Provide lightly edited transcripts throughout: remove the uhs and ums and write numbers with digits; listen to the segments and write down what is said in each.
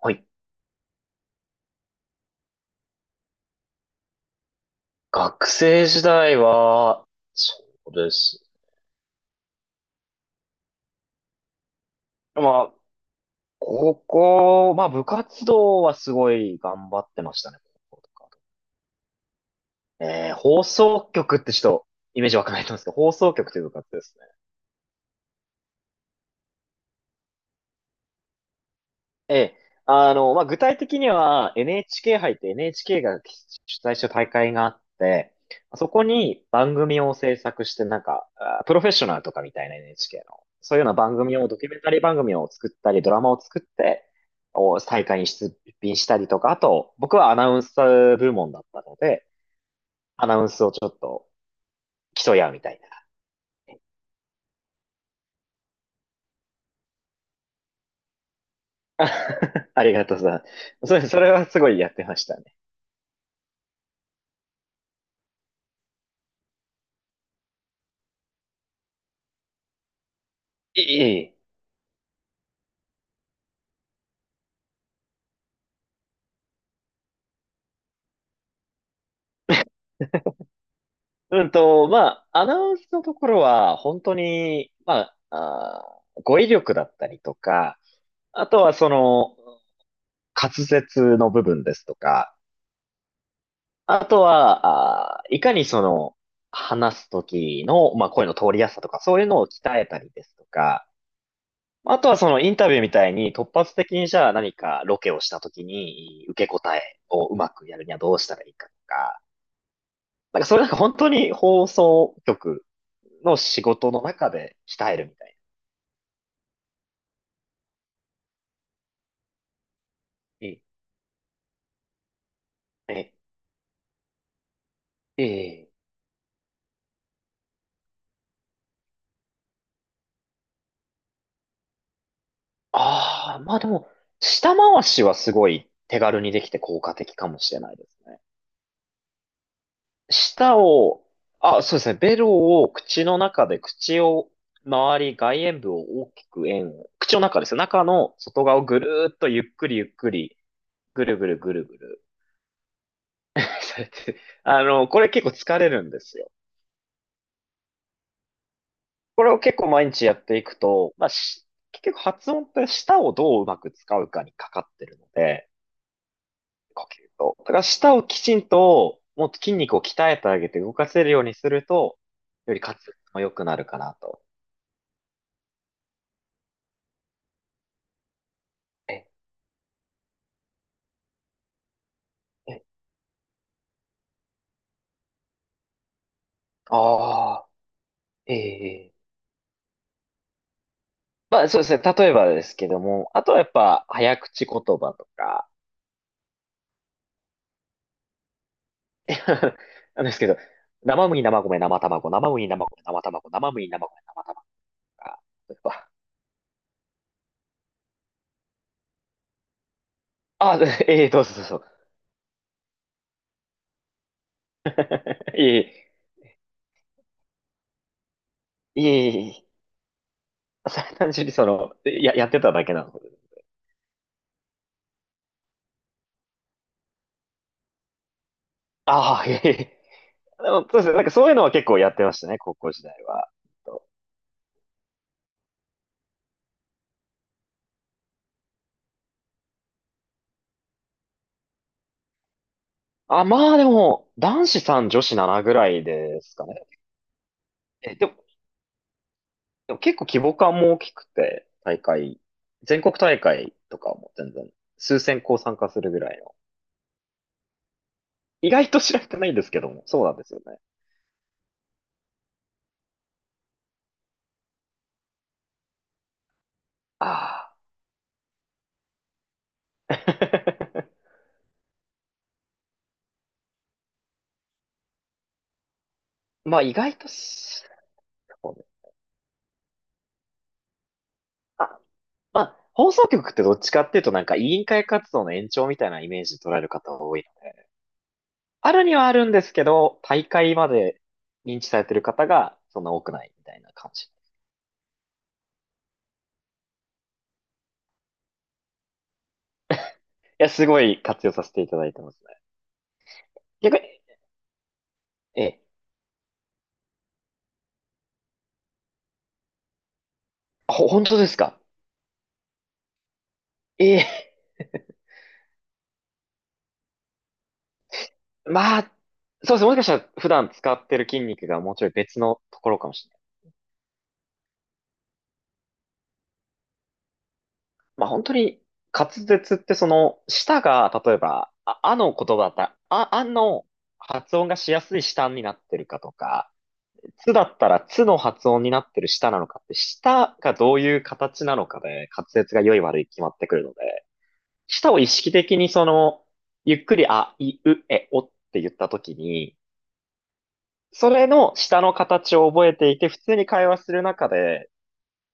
はい。学生時代は、そうです。まあ、高校、まあ部活動はすごい頑張ってましたね。高校とか放送局ってちょっとイメージ湧かないと思うんですけど、放送局という部活ですねええ。あの、まあ、具体的には NHK 杯って NHK が主催した大会があって、そこに番組を制作して、なんか、あプロフェッショナルとかみたいな NHK の、そういうような番組を、ドキュメンタリー番組を作ったり、ドラマを作って、お大会に出品したりとか、あと、僕はアナウンス部門だったので、アナウンスをちょっと競い合うみたいな。ありがとうさん。それはすごいやってましたね。いい、いい。まあ、アナウンスのところは、本当に、まあ、語彙力だったりとか、あとはその、滑舌の部分ですとか、あとは、いかにその、話すときの、まあ、声の通りやすさとか、そういうのを鍛えたりですとか、あとはそのインタビューみたいに突発的にじゃあ何かロケをしたときに受け答えをうまくやるにはどうしたらいいかとか、なんかそれなんか本当に放送局の仕事の中で鍛えるみたいな。え、え、ええ。ああ、まあでも、舌回しはすごい手軽にできて効果的かもしれないですね。舌を、あ、そうですね。ベロを口の中で、口を周り、外縁部を大きく円を、口の中ですよ。中の外側をぐるーっとゆっくりゆっくり、ぐるぐるぐるぐる。それって、あの、これ結構疲れるんですよ。これを結構毎日やっていくと、まあ、し結局発音って舌をどううまく使うかにかかってるので、呼吸と。だから舌をきちんと、もっと筋肉を鍛えてあげて動かせるようにすると、より滑舌も良くなるかなと。え、え、ああ、ええ。まあそうですね。例えばですけども、あとはやっぱ早口言葉とか、なんですけど、生麦、生米、生卵、生麦、生米、生卵、生麦、生米、生卵とか、やっぱあ、ええどうぞどうぞ。いえいえ、いえいえいえ、それは単純にその、や、やってただけなので。ああ、いえいえ。でも、そうですね。なんかそういうのは結構やってましたね、高校時代は。あ、まあでも、男子さん女子7ぐらいですかね。え、でも、でも結構規模感も大きくて、大会、全国大会とかも全然、数千校参加するぐらいの。意外と知られてないんですけども、そうなんですよね。ああ。まあ意外とそうねあ、まあ、放送局ってどっちかっていうとなんか委員会活動の延長みたいなイメージで捉える方が多いので。あるにはあるんですけど、大会まで認知されてる方がそんな多くないみたいな感じ。いや、すごい活用させていただいてますね。逆に、ええ、ほ、本当ですかええ、まあ、そうですね。もしかしたら普段使ってる筋肉がもうちょい別のところかもしれない。まあ本当に滑舌ってその舌が例えば、あ、あの言葉だったら、あ、あの発音がしやすい舌になってるかとか、つだったらつの発音になってる舌なのかって、舌がどういう形なのかで、滑舌が良い悪い決まってくるので、舌を意識的にその、ゆっくりあ、い、う、え、おって言ったときに、それの舌の形を覚えていて、普通に会話する中で、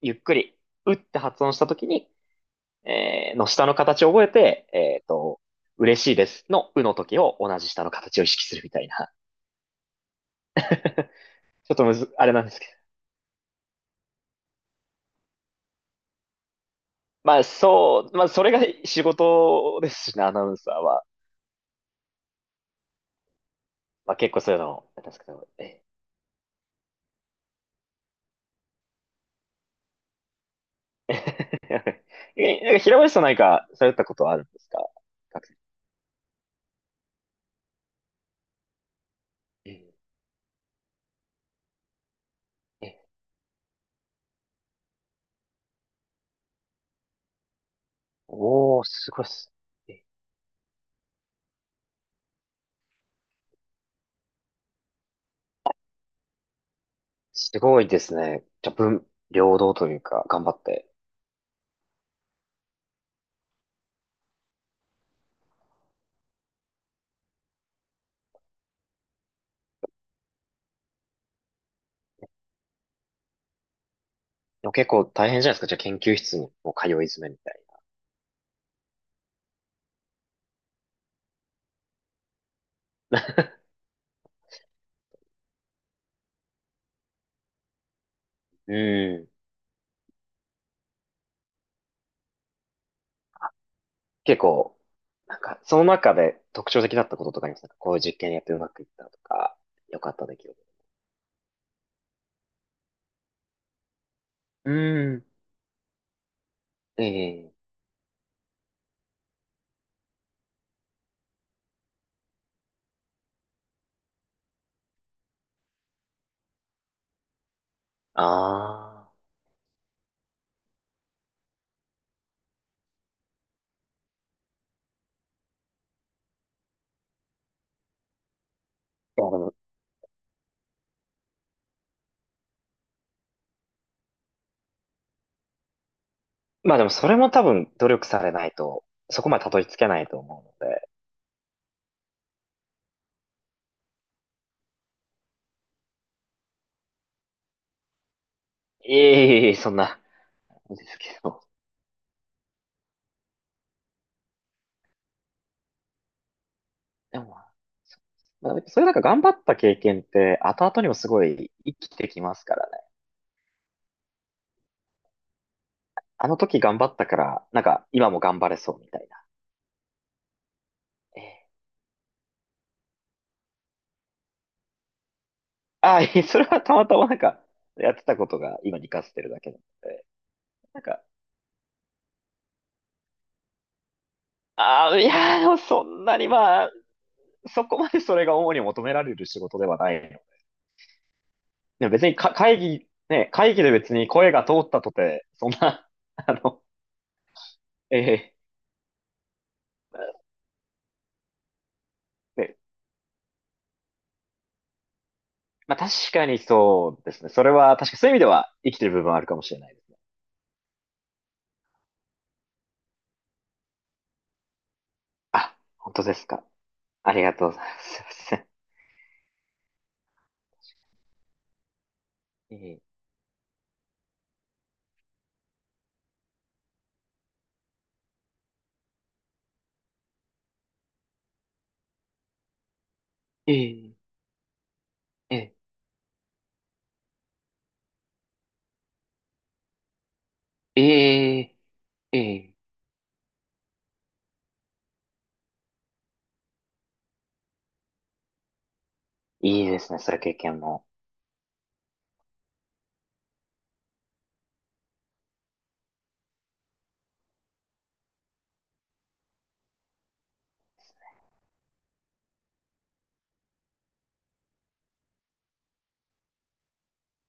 ゆっくり、うって発音したときに、の舌の形を覚えて、嬉しいですのうの時を同じ舌の形を意識するみたいな。ちょっとむず、あれなんですけまあそう、まあそれが仕事ですしね、アナウンサーは。まあ結構そういうの、なんですけど、ええ。えなんか平林さん何かされたことはあるんですか学生ええ、えおー、すごいっす。えすごいですね。じゃあ、文両道というか、頑張って。でも結構大変じゃないですか。じゃあ研究室にもう通い詰めみたいな。うん。結構、なんか、その中で特徴的だったこととかありますかこういう実験やってうまくいったとか、良かった出来事。うん。ええああいやでもまあでもそれも多分努力されないと、そこまでたどり着けないと思うので。いえいえいえ、そんな、ですけど。でも、まあ、そういうなんか頑張った経験って後々にもすごい生きてきますからね。あの時頑張ったから、なんか今も頑張れそうみたいな。ええああ、いえそれはたまたまなんかやってたことが今に活かせてるだけなので。なんか、ああ、いやー、でもそんなにまあ、そこまでそれが主に求められる仕事ではないでも別にか会議、ね、会議で別に声が通ったとて、そんな、あの、ええでまあ確かにそうですね。それは確かそういう意味では生きてる部分はあるかもしれないですね。あ、本当ですか。ありがとうございます。すいません。ええええええええええいいですね。それ経験も。